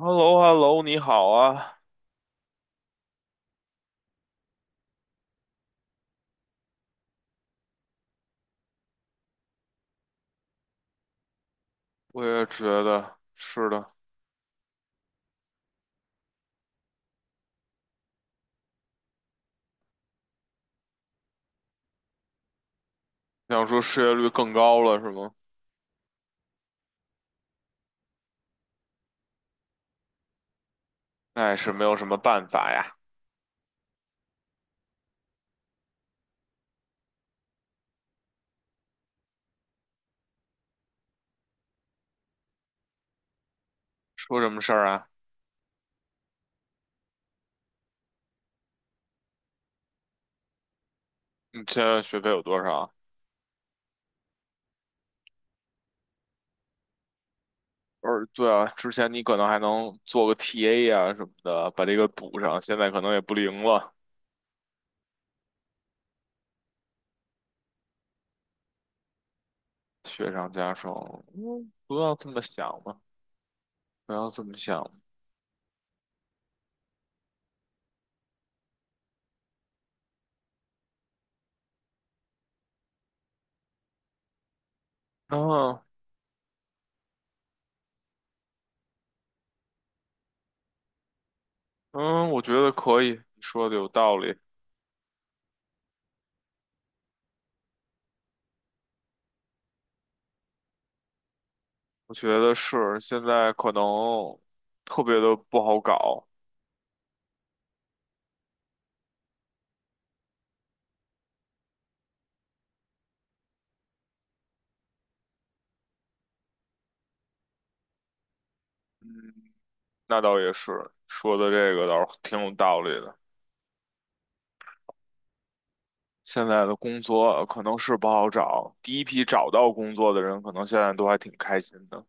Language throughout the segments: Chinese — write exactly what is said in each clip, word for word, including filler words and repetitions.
h e l l o h e l l o 你好啊！我也觉得是的，想说失业率更高了是吗？那也是没有什么办法呀。说什么事儿啊？你现在学费有多少啊？而对啊，之前你可能还能做个 T A 啊什么的，把这个补上，现在可能也不灵了。雪上加霜，嗯，不要这么想嘛，不要这么想。嗯嗯，我觉得可以，你说的有道理。我觉得是，现在可能特别的不好搞。嗯那倒也是，说的这个倒是挺有道理的。现在的工作可能是不好找，第一批找到工作的人，可能现在都还挺开心的。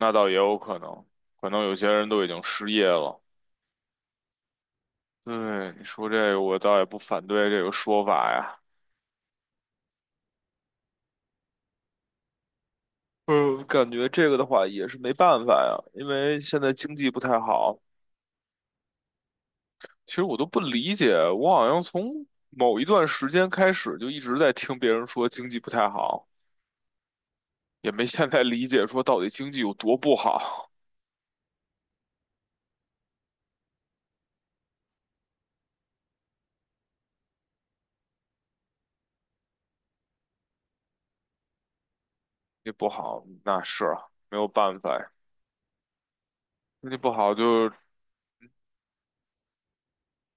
那倒也有可能，可能有些人都已经失业了。对，你说这个，我倒也不反对这个说法呀。嗯，感觉这个的话也是没办法呀，因为现在经济不太好。其实我都不理解，我好像从某一段时间开始就一直在听别人说经济不太好。也没现在理解说到底经济有多不好，也不好，那是啊没有办法呀，经济不好就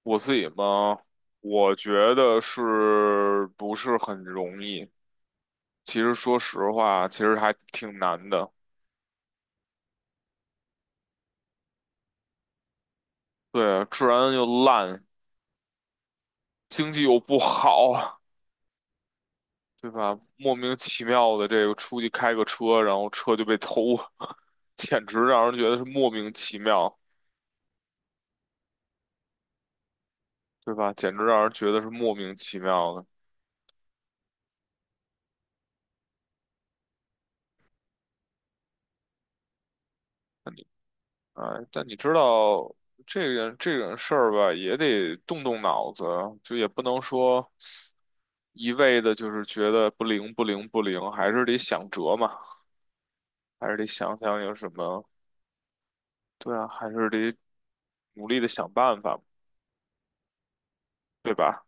我自己嘛，我觉得是不是很容易？其实说实话，其实还挺难的。对啊，治安又烂，经济又不好，对吧？莫名其妙的这个出去开个车，然后车就被偷，简直让人觉得是莫名其妙，对吧？简直让人觉得是莫名其妙的。哎，但你知道这个这种事儿吧，也得动动脑子，就也不能说一味的就是觉得不灵不灵不灵，还是得想辙嘛，还是得想想有什么，对啊，还是得努力的想办法，对吧？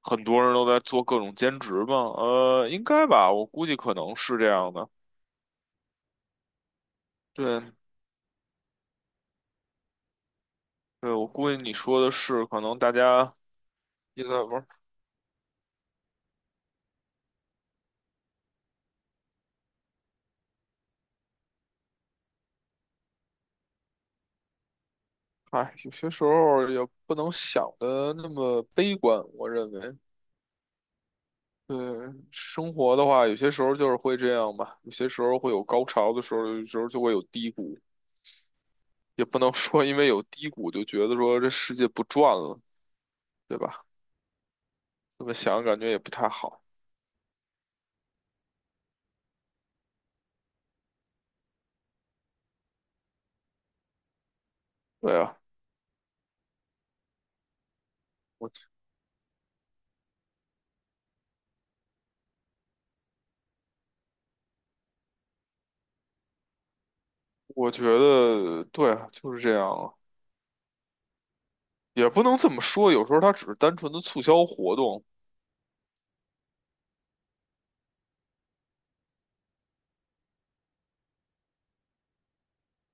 很多人都在做各种兼职嘛，呃，应该吧，我估计可能是这样的。对，对，我估计你说的是，可能大家也在玩。哎，有些时候也不能想的那么悲观，我认为。对，生活的话，有些时候就是会这样吧，有些时候会有高潮的时候，有时候就会有低谷，也不能说因为有低谷就觉得说这世界不转了，对吧？这么想感觉也不太好。对啊，我我觉得对啊，就是这样啊，也不能这么说，有时候它只是单纯的促销活动，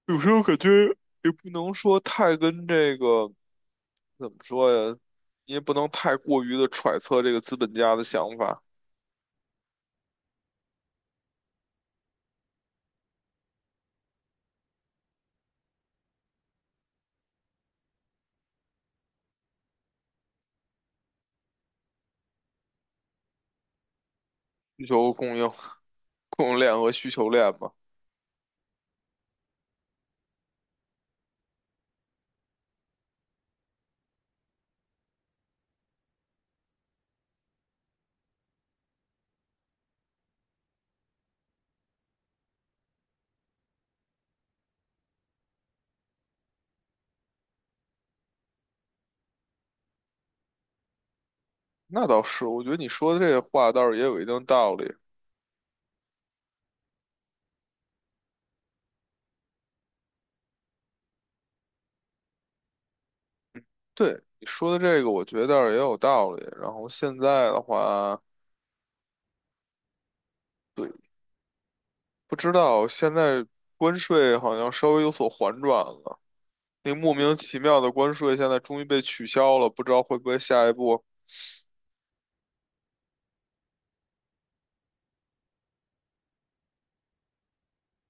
有时候感觉也不能说太跟这个。怎么说呀？你也不能太过于的揣测这个资本家的想法，需求和供应、供应链和需求链嘛。那倒是，我觉得你说的这个话倒是也有一定道理。对，你说的这个，我觉得倒是也有道理。然后现在的话，对，不知道现在关税好像稍微有所缓转了，那个莫名其妙的关税现在终于被取消了，不知道会不会下一步。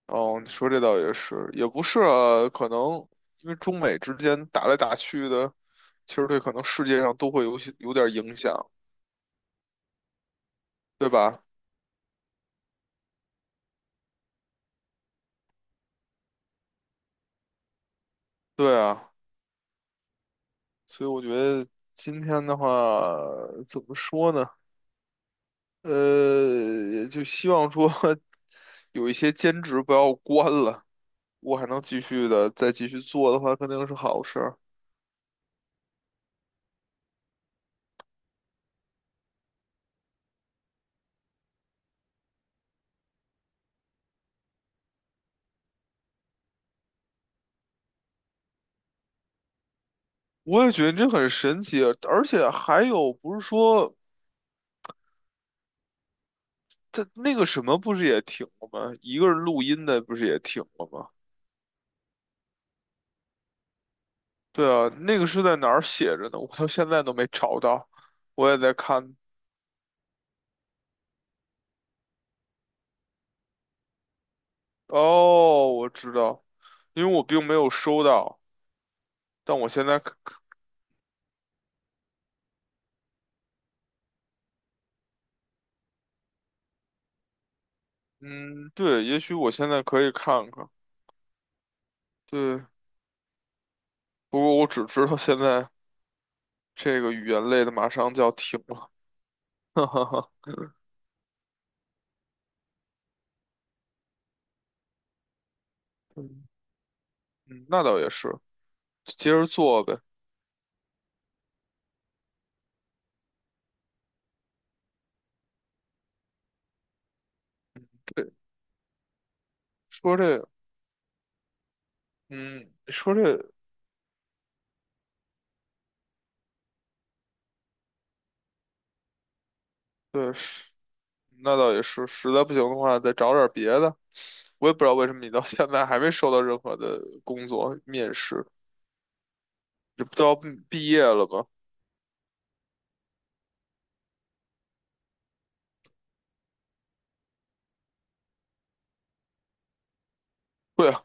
哦，你说这倒也是，也不是啊，可能因为中美之间打来打去的，其实对可能世界上都会有些有点影响，对吧？对啊，所以我觉得今天的话，怎么说呢？呃，就希望说 有一些兼职不要关了，我还能继续的再继续做的话，肯定是好事儿。我也觉得这很神奇啊，而且还有不是说。他那个什么不是也停了吗？一个人录音的不是也停了吗？对啊，那个是在哪儿写着呢？我到现在都没找到，我也在看。哦，我知道，因为我并没有收到，但我现在可嗯，对，也许我现在可以看看。对，不过我只知道现在这个语言类的马上就要停了，哈哈哈。嗯，嗯那倒也是，接着做呗。对，说这，嗯，说这，对。那倒也是，实在不行的话，再找点别的。我也不知道为什么你到现在还没收到任何的工作面试，这不都要毕毕业了吗？对啊，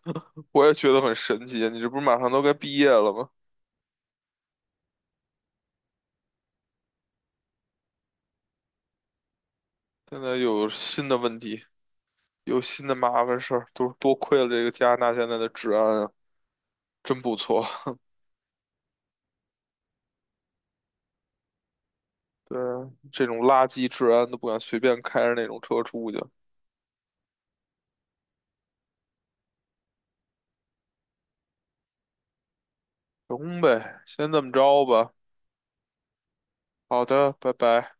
我也觉得很神奇啊，你这不是马上都该毕业了吗？现在又有新的问题，有新的麻烦事儿，都是多亏了这个加拿大现在的治安啊，真不错。对啊，这种垃圾治安都不敢随便开着那种车出去。行呗，先这么着吧。好的，拜拜。